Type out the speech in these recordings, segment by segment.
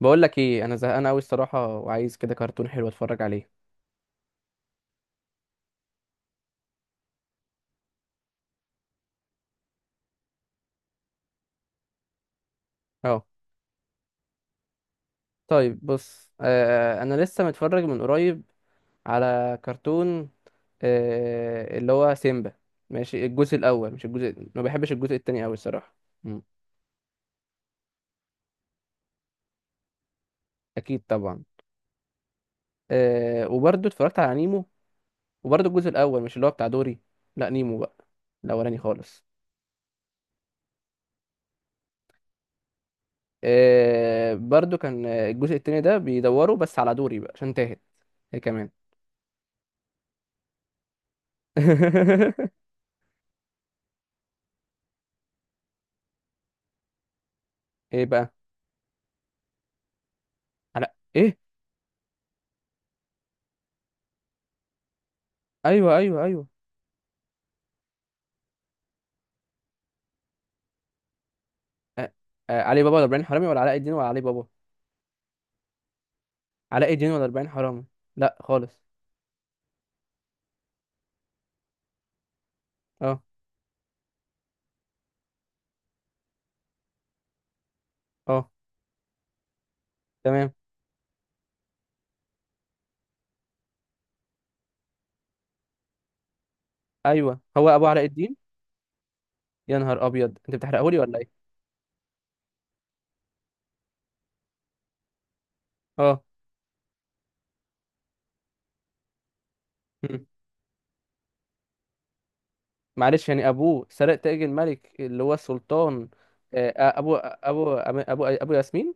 بقول لك ايه؟ انا زهقان قوي الصراحه، وعايز كده كرتون حلو اتفرج عليه. اه. طيب بص، انا لسه متفرج من قريب على كرتون، اللي هو سيمبا. ماشي، الجزء الاول مش الجزء، ما بحبش الجزء التاني قوي الصراحه. مم. اكيد طبعا. وبرضه اتفرجت على نيمو، وبرضه الجزء الاول، مش اللي هو بتاع دوري. لا، نيمو بقى، الاولاني خالص. برضه كان الجزء التاني ده بيدوروا بس على دوري بقى، عشان تاهت هي كمان. ايه بقى؟ على ايه؟ ايوه ايوه ايوه. آه. آه. علي بابا ولا ابراهيم حرامي، ولا علاء الدين، ولا علي بابا؟ علاء الدين ولا ابراهيم حرامي؟ لا خالص. اه اه. تمام. ايوه، هو ابو علاء الدين. يا نهار ابيض، انت بتحرقهولي ولا ايه؟ اه. مم. معلش، يعني ابوه سرق تاج الملك اللي هو السلطان؟ آه. ابو ياسمين.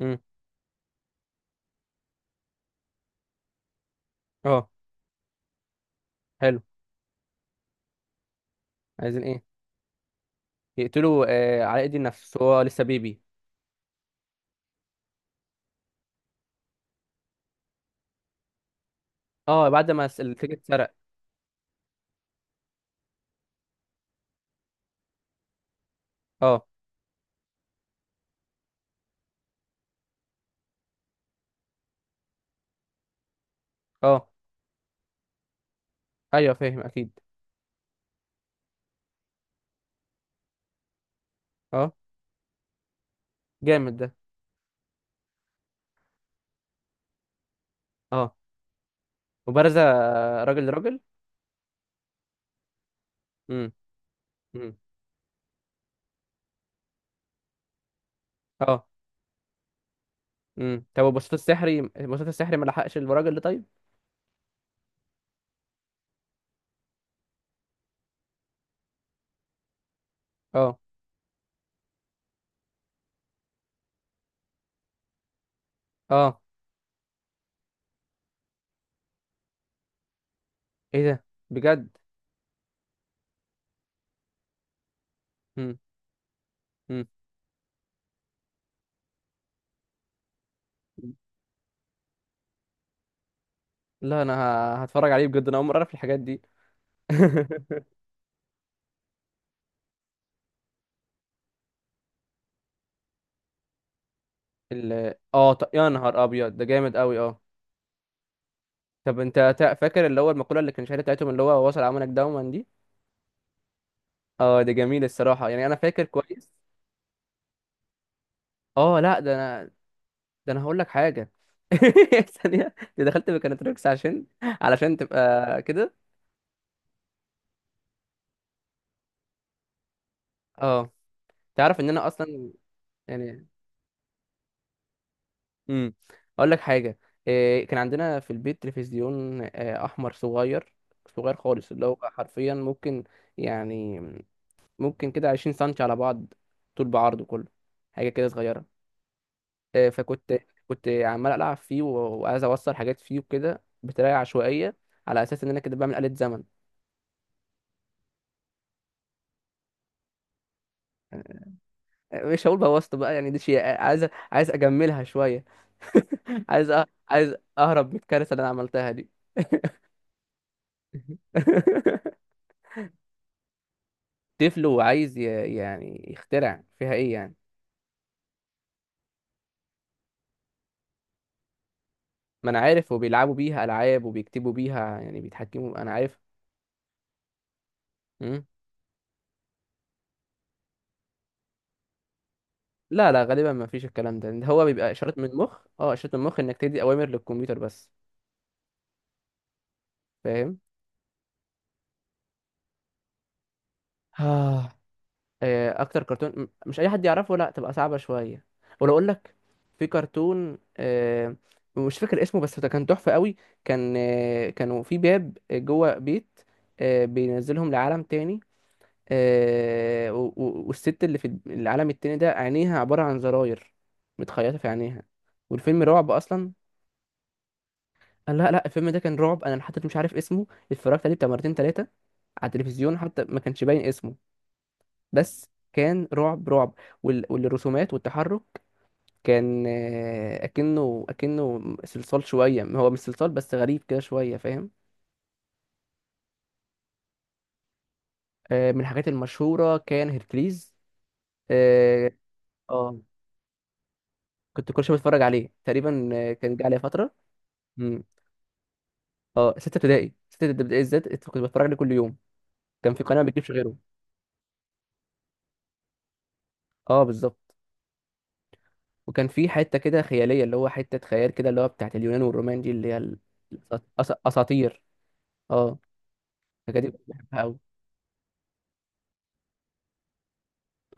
مم. اه. حلو. عايزين ايه؟ يقتلوا علاء الدين نفسه؟ هو لسه بيبي. اه، بعد ما التاج اتسرق. اه اه. ايوه فاهم اكيد. اه. جامد ده. اه. مبارزة، راجل لراجل. امم. امم. اه. طب البساط السحري، البساط السحري ما لحقش الراجل ده طيب؟ اه. اه. ايه ده؟ بجد؟ امم. امم. لا انا، هتفرج عليه بجد، انا اول مرة اعرف الحاجات دي. يا نهار ابيض، ده جامد قوي. اه. طب انت فاكر اللي هو المقولة اللي كان شهيرة بتاعتهم، اللي هو وصل عملك دوما دي؟ اه، ده جميل الصراحة، يعني انا فاكر كويس. اه، لا، ده انا هقول لك حاجة. ثانية، انت دخلت ميكانتريكس علشان تبقى كده؟ اه. تعرف ان انا اصلا، يعني، امم، اقول لك حاجه. إيه، كان عندنا في البيت تلفزيون احمر صغير، صغير خالص، اللي هو حرفيا ممكن، يعني كده 20 سنتي على بعض، طول بعرضه كله، حاجه كده صغيره. فكنت، كنت عمال العب فيه وعايز اوصل حاجات فيه وكده بطريقه عشوائيه، على اساس ان انا كده بعمل آلة زمن. آه، مش هقول بوظته بقى، يعني دي شيء، عايز اجملها شويه. عايز اهرب من الكارثه اللي انا عملتها دي. طفل وعايز يعني يخترع فيها ايه يعني؟ ما انا عارف، وبيلعبوا بيها العاب، وبيكتبوا بيها، يعني بيتحكموا، انا عارف. مم. لا لا، غالبا ما فيش الكلام ده. هو بيبقى اشارات من مخ، انك تدي اوامر للكمبيوتر بس. فاهم. آه، اكتر كرتون مش اي حد يعرفه؟ لا، تبقى صعبة شوية. ولو اقول لك، في كرتون، مش فاكر اسمه، بس ده كان تحفة قوي. كانوا في باب جوه بيت، بينزلهم لعالم تاني. والست اللي في العالم التاني ده، عينيها عبارة عن زراير متخيطة في عينيها، والفيلم رعب أصلا. قال لا لا، الفيلم ده كان رعب. أنا لحد دلوقتي مش عارف اسمه، اتفرجت عليه بتاع مرتين تلاتة على التلفزيون، حتى ما كانش باين اسمه، بس كان رعب رعب. والرسومات والتحرك كان، أكنه، صلصال شوية، هو مش صلصال بس غريب كده شوية، فاهم؟ من الحاجات المشهورة كان هيركليز. اه. آه، كنت كل شويه بتفرج عليه تقريبا، كان جه عليه فترة. امم. اه، ستة ابتدائي، ستة ابتدائي بالذات كنت بتفرج عليه كل يوم، كان في قناة ما بتجيبش غيره. اه بالظبط. وكان في حتة كده خيالية، اللي هو حتة خيال كده، اللي هو بتاعت اليونان والرومان دي، اساطير. اه. الحاجات دي كنت بحبها قوي.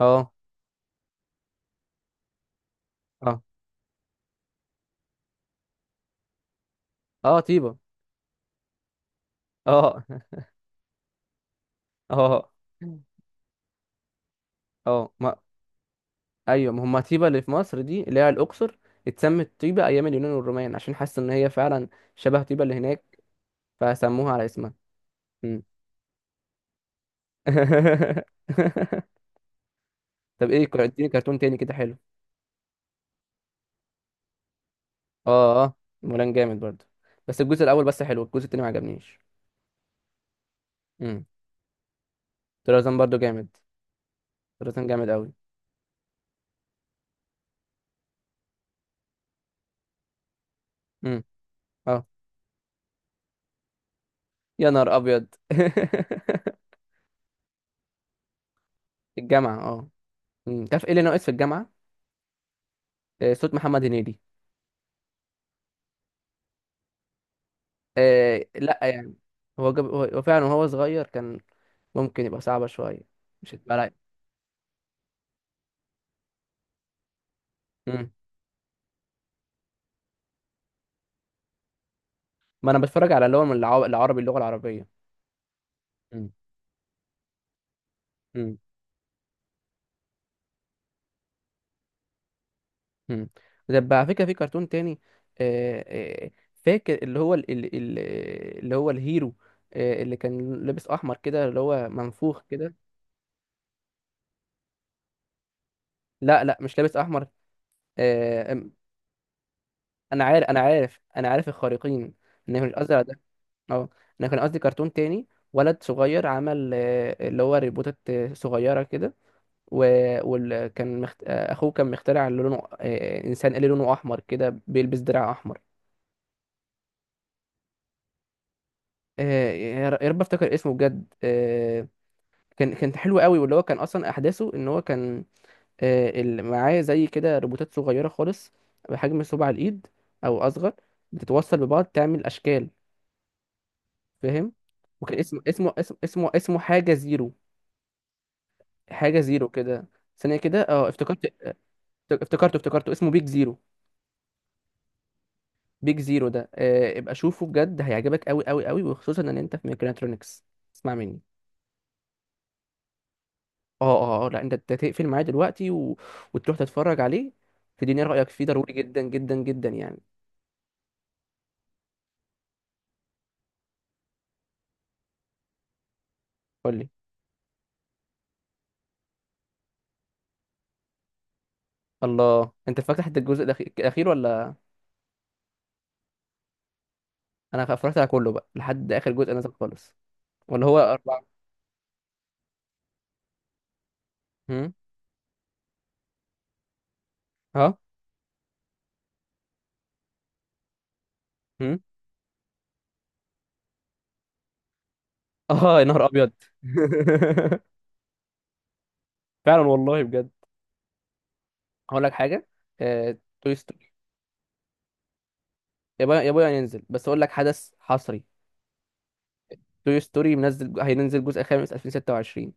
اه اه اه. طيبة. اه. اه اه ما ايوه، ما هم طيبة اللي في مصر دي، اللي هي على الاقصر، اتسمت طيبة ايام اليونان والرومان عشان حاسة ان هي فعلا شبه طيبة اللي هناك، فسموها على اسمها. مم. طب ايه، اديني كرتون تاني كده حلو. اه اه. مولان جامد برضه، بس الجزء الاول بس حلو، الجزء التاني ما عجبنيش. امم. طرزان برضه جامد، طرزان جامد قوي. امم. اه. يا نهار ابيض. الجامعه، اه. امم، تعرف ايه اللي ناقص في الجامعه؟ صوت محمد هنيدي. لا يعني، هو جاب، هو فعلا وهو صغير كان، ممكن يبقى صعبه شويه. مش هتبقى لايق. امم. ما انا بتفرج على اللي هو من العربي، اللغه العربيه. امم. امم. مم. طب على فكرة، في كرتون تاني، آه، آه، فاكر اللي هو ال- ال- ال- اللي هو الهيرو، اللي كان لابس احمر كده، اللي هو منفوخ كده؟ لا لا، مش لابس احمر، آه، أم- انا عارف، انا عارف، انا عارف الخارقين، ان مش الازرق ده. اه. انا كان قصدي كرتون تاني، ولد صغير عمل اللي هو ريبوتات صغيرة كده، وكان مخت... آه، اخوه كان مخترع، اللي لونه انسان اللي لونه احمر كده، بيلبس درع احمر. يا يا رب افتكر اسمه بجد. كان حلو قوي، واللي هو كان اصلا احداثه، ان هو كان معاه زي كده روبوتات صغيره خالص، بحجم صباع الايد او اصغر، بتتوصل ببعض تعمل اشكال، فاهم؟ وكان اسمه حاجه زيرو، حاجه زيرو كده. ثانيه كده، اه، افتكرت. افتكرته، اسمه بيج زيرو. بيج زيرو ده ابقى شوفه بجد، هيعجبك قوي قوي قوي، وخصوصا ان انت في ميكانترونكس. اسمع مني. اه اه. لا، أنت تقفل معايا دلوقتي، و... وتروح تتفرج عليه، تديني رأيك فيه ضروري جدا جدا جدا يعني. قول لي. الله، انت فاكر حتى الجزء الاخير ولا؟ انا اتفرجت على كله بقى لحد اخر جزء نزل خالص. ولا هو اربعة. هم. ها. هم. اه يا نهار ابيض. فعلا والله بجد. هقول لك حاجة. توي ستوري. يا بويا يا بويا، هينزل، بس اقول لك حدث حصري، توي ستوري منزل، هينزل جزء خامس 2026.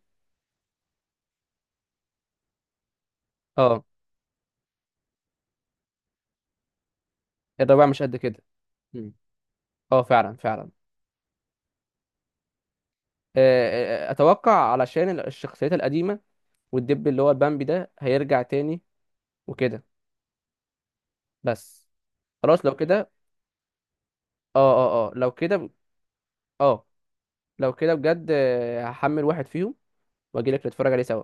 اه. الرابع مش قد كده. مم. اه فعلا فعلا. اتوقع، علشان الشخصيات القديمه، والدب اللي هو البامبي ده هيرجع تاني وكده. بس، خلاص لو كده. اه اه اه. لو كده اه، لو كده بجد، هحمل واحد فيهم واجيلك نتفرج عليه سوا.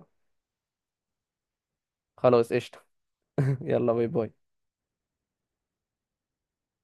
خلاص قشطه. يلا باي باي.